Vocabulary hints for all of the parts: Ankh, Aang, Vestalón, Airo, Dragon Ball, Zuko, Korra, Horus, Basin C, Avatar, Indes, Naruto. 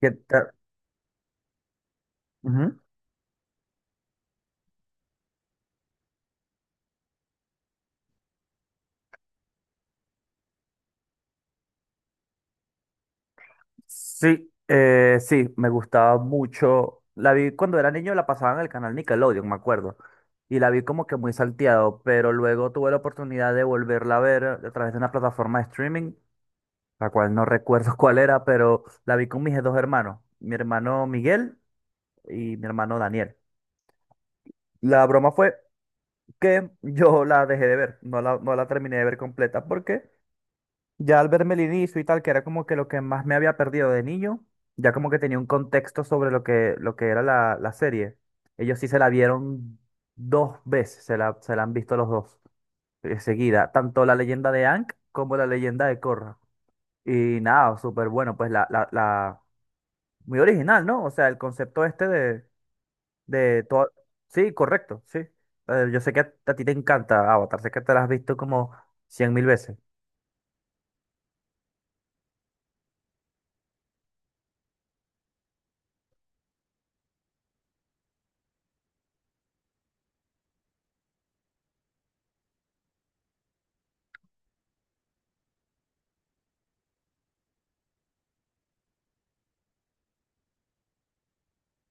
¿Qué tal? Ujú. Sí, sí, me gustaba mucho. La vi cuando era niño, la pasaban en el canal Nickelodeon, me acuerdo. Y la vi como que muy salteado, pero luego tuve la oportunidad de volverla a ver a través de una plataforma de streaming, la cual no recuerdo cuál era, pero la vi con mis dos hermanos, mi hermano Miguel y mi hermano Daniel. La broma fue que yo la dejé de ver, no la terminé de ver completa porque ya al verme el inicio y tal, que era como que lo que más me había perdido de niño, ya como que tenía un contexto sobre lo que era la serie. Ellos sí se la vieron dos veces, se la han visto los dos seguida, tanto la leyenda de Aang como la leyenda de Korra. Y nada, súper bueno, pues muy original, ¿no? O sea, el concepto este de todo. Sí, correcto, sí. Yo sé que a ti te encanta Avatar, sé que te la has visto como 100.000 veces.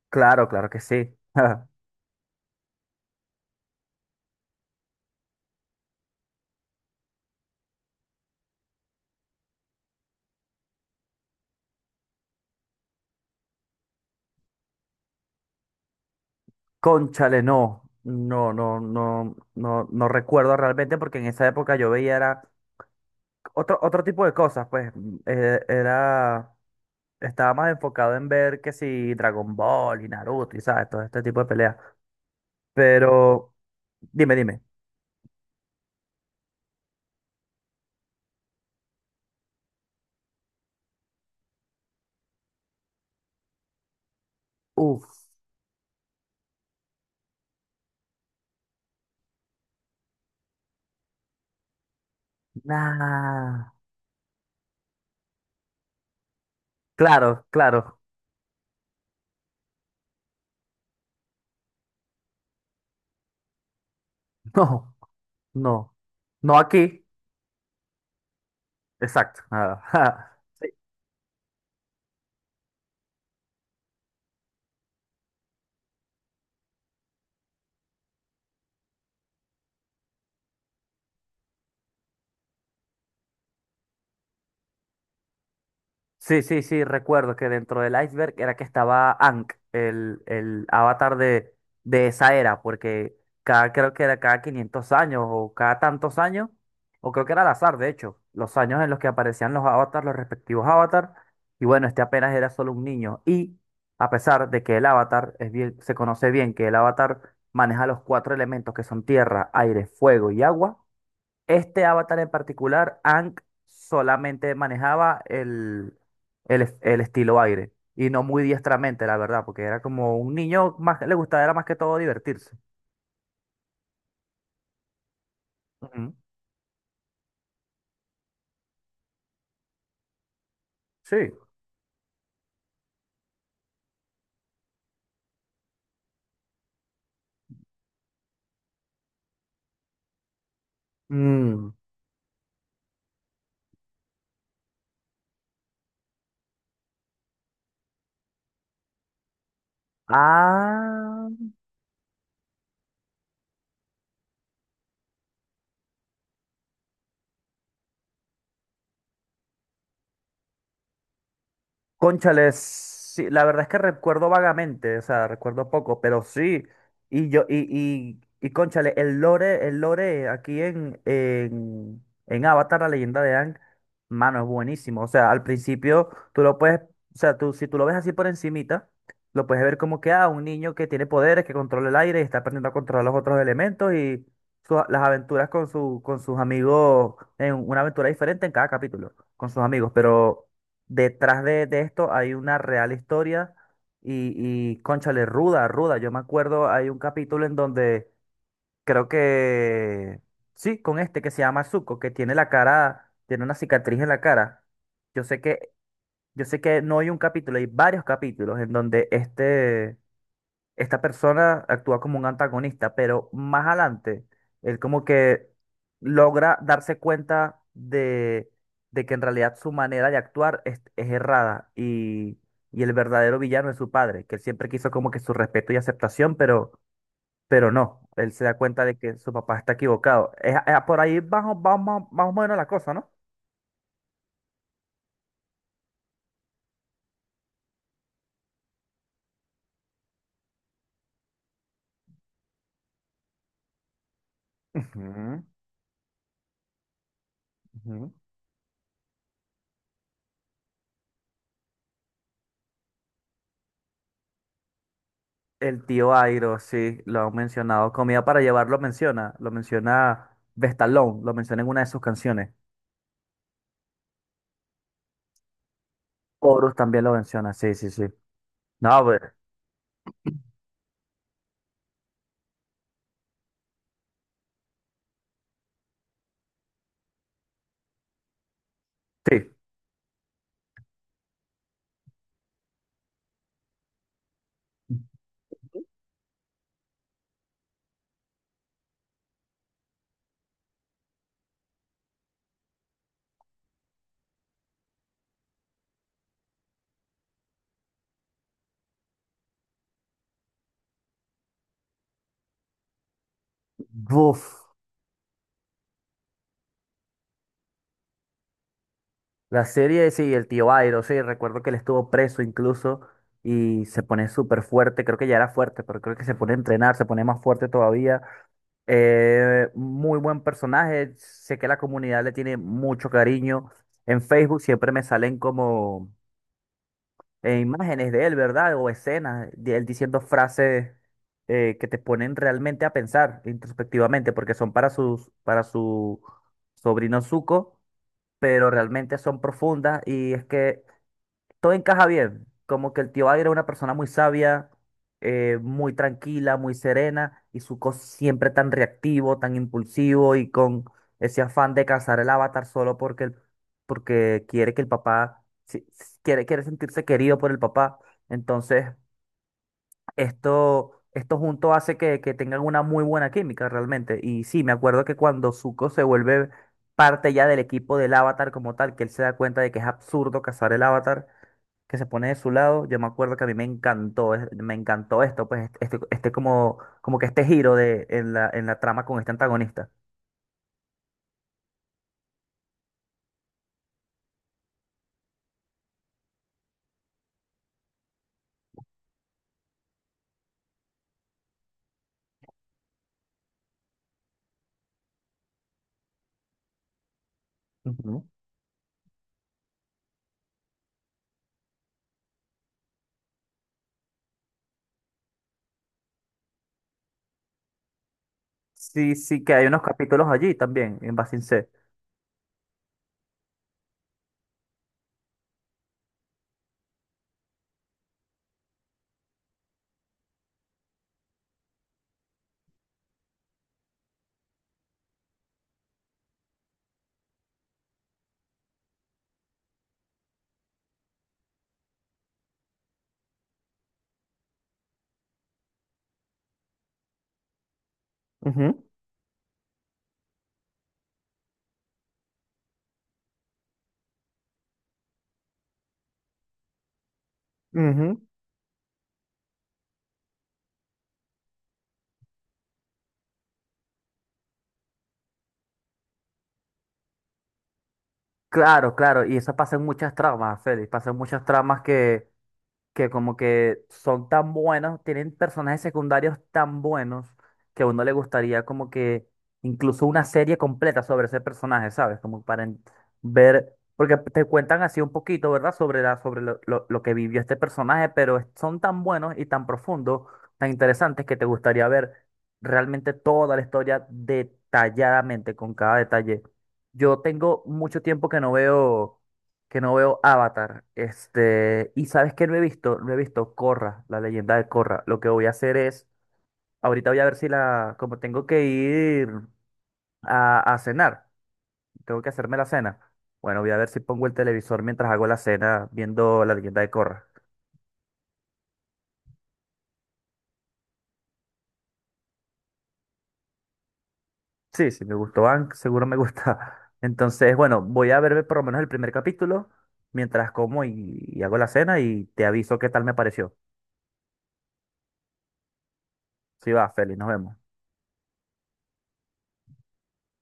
Claro, claro que sí. Cónchale, no, no, no, no, no, no recuerdo realmente porque en esa época yo veía era otro tipo de cosas, pues estaba más enfocado en ver que si Dragon Ball y Naruto y sabes, todo este tipo de peleas. Pero, dime, dime. Uf, nah. Claro, claro. No, no. No aquí. Exacto. Nada. Sí, sí, sí, recuerdo que dentro del iceberg era que estaba Ankh, el avatar de esa era, porque cada, creo que era cada 500 años o cada tantos años, o creo que era al azar, de hecho, los años en los que aparecían los avatars, los respectivos avatars, y bueno, este apenas era solo un niño. Y a pesar de que el avatar se conoce bien que el avatar maneja los cuatro elementos que son tierra, aire, fuego y agua, este avatar en particular, Aang solamente manejaba el estilo aire y no muy diestramente, la verdad, porque era como un niño más que le gustaba era más que todo divertirse. Ujú. Sí. Mm. Ah. Cónchales, sí, la verdad es que recuerdo vagamente, o sea, recuerdo poco, pero sí. Y cónchale, el lore aquí en Avatar, la leyenda de Aang, mano, es buenísimo. O sea, al principio tú lo puedes, o sea, si tú lo ves así por encimita, lo puedes ver como que, ah, un niño que tiene poderes, que controla el aire y está aprendiendo a controlar los otros elementos y las aventuras con sus amigos, en una aventura diferente en cada capítulo, con sus amigos, pero detrás de esto hay una real historia y, y cónchale, ruda, ruda. Yo me acuerdo, hay un capítulo en donde creo que, sí, con este que se llama Zuko, que tiene la cara, tiene una cicatriz en la cara. Yo sé que, yo sé que no hay un capítulo, hay varios capítulos en donde esta persona actúa como un antagonista, pero más adelante, él como que logra darse cuenta de que en realidad su manera de actuar es errada y el verdadero villano es su padre, que él siempre quiso como que su respeto y aceptación, pero no, él se da cuenta de que su papá está equivocado. Es por ahí vamos, vamos, vamos, más o menos la cosa, ¿no? Ujú, ujú. El tío Airo, sí, lo han mencionado. Comida para llevar lo menciona Vestalón, lo menciona en una de sus canciones. Horus también lo menciona, sí, sí, sí. No, a ver, sí. Buf. La serie, sí, el tío Airo, sí, recuerdo que él estuvo preso incluso y se pone súper fuerte, creo que ya era fuerte, pero creo que se pone a entrenar, se pone más fuerte todavía. Muy buen personaje, sé que la comunidad le tiene mucho cariño. En Facebook siempre me salen como imágenes de él, ¿verdad? O escenas de él diciendo frases que te ponen realmente a pensar introspectivamente, porque son para para su sobrino Zuko, pero realmente son profundas y es que todo encaja bien. Como que el tío Aire era una persona muy sabia, muy tranquila, muy serena, y Zuko siempre tan reactivo, tan impulsivo y con ese afán de cazar el avatar solo porque, porque quiere que el papá, quiere sentirse querido por el papá. Entonces, esto junto hace que tengan una muy buena química realmente. Y sí, me acuerdo que cuando Zuko se vuelve parte ya del equipo del avatar como tal, que él se da cuenta de que es absurdo cazar el avatar que se pone de su lado. Yo me acuerdo que a mí me encantó, me encantó esto, pues este como que este giro en la trama con este antagonista. Ujú, sí, sí, que hay unos capítulos allí también, en Basin C. Ujú, ujú. Claro, claro, y eso pasa en muchas tramas, Félix, pasa en muchas tramas que como que son tan buenos, tienen personajes secundarios tan buenos que a uno le gustaría como que incluso una serie completa sobre ese personaje, ¿sabes? Como para ver, porque te cuentan así un poquito, ¿verdad? Sobre lo que vivió este personaje, pero son tan buenos y tan profundos, tan interesantes que te gustaría ver realmente toda la historia detalladamente, con cada detalle. Yo tengo mucho tiempo que no veo Avatar. Este, y sabes que no he visto Corra, la leyenda de Corra. Lo que voy a hacer es, ahorita voy a ver si la, como tengo que ir a cenar, tengo que hacerme la cena. Bueno, voy a ver si pongo el televisor mientras hago la cena viendo la leyenda de Corra. Sí, sí, me gustó Ank, seguro me gusta. Entonces, bueno, voy a verme por lo menos el primer capítulo mientras como y hago la cena y te aviso qué tal me pareció. Sí va, Feli, nos vemos.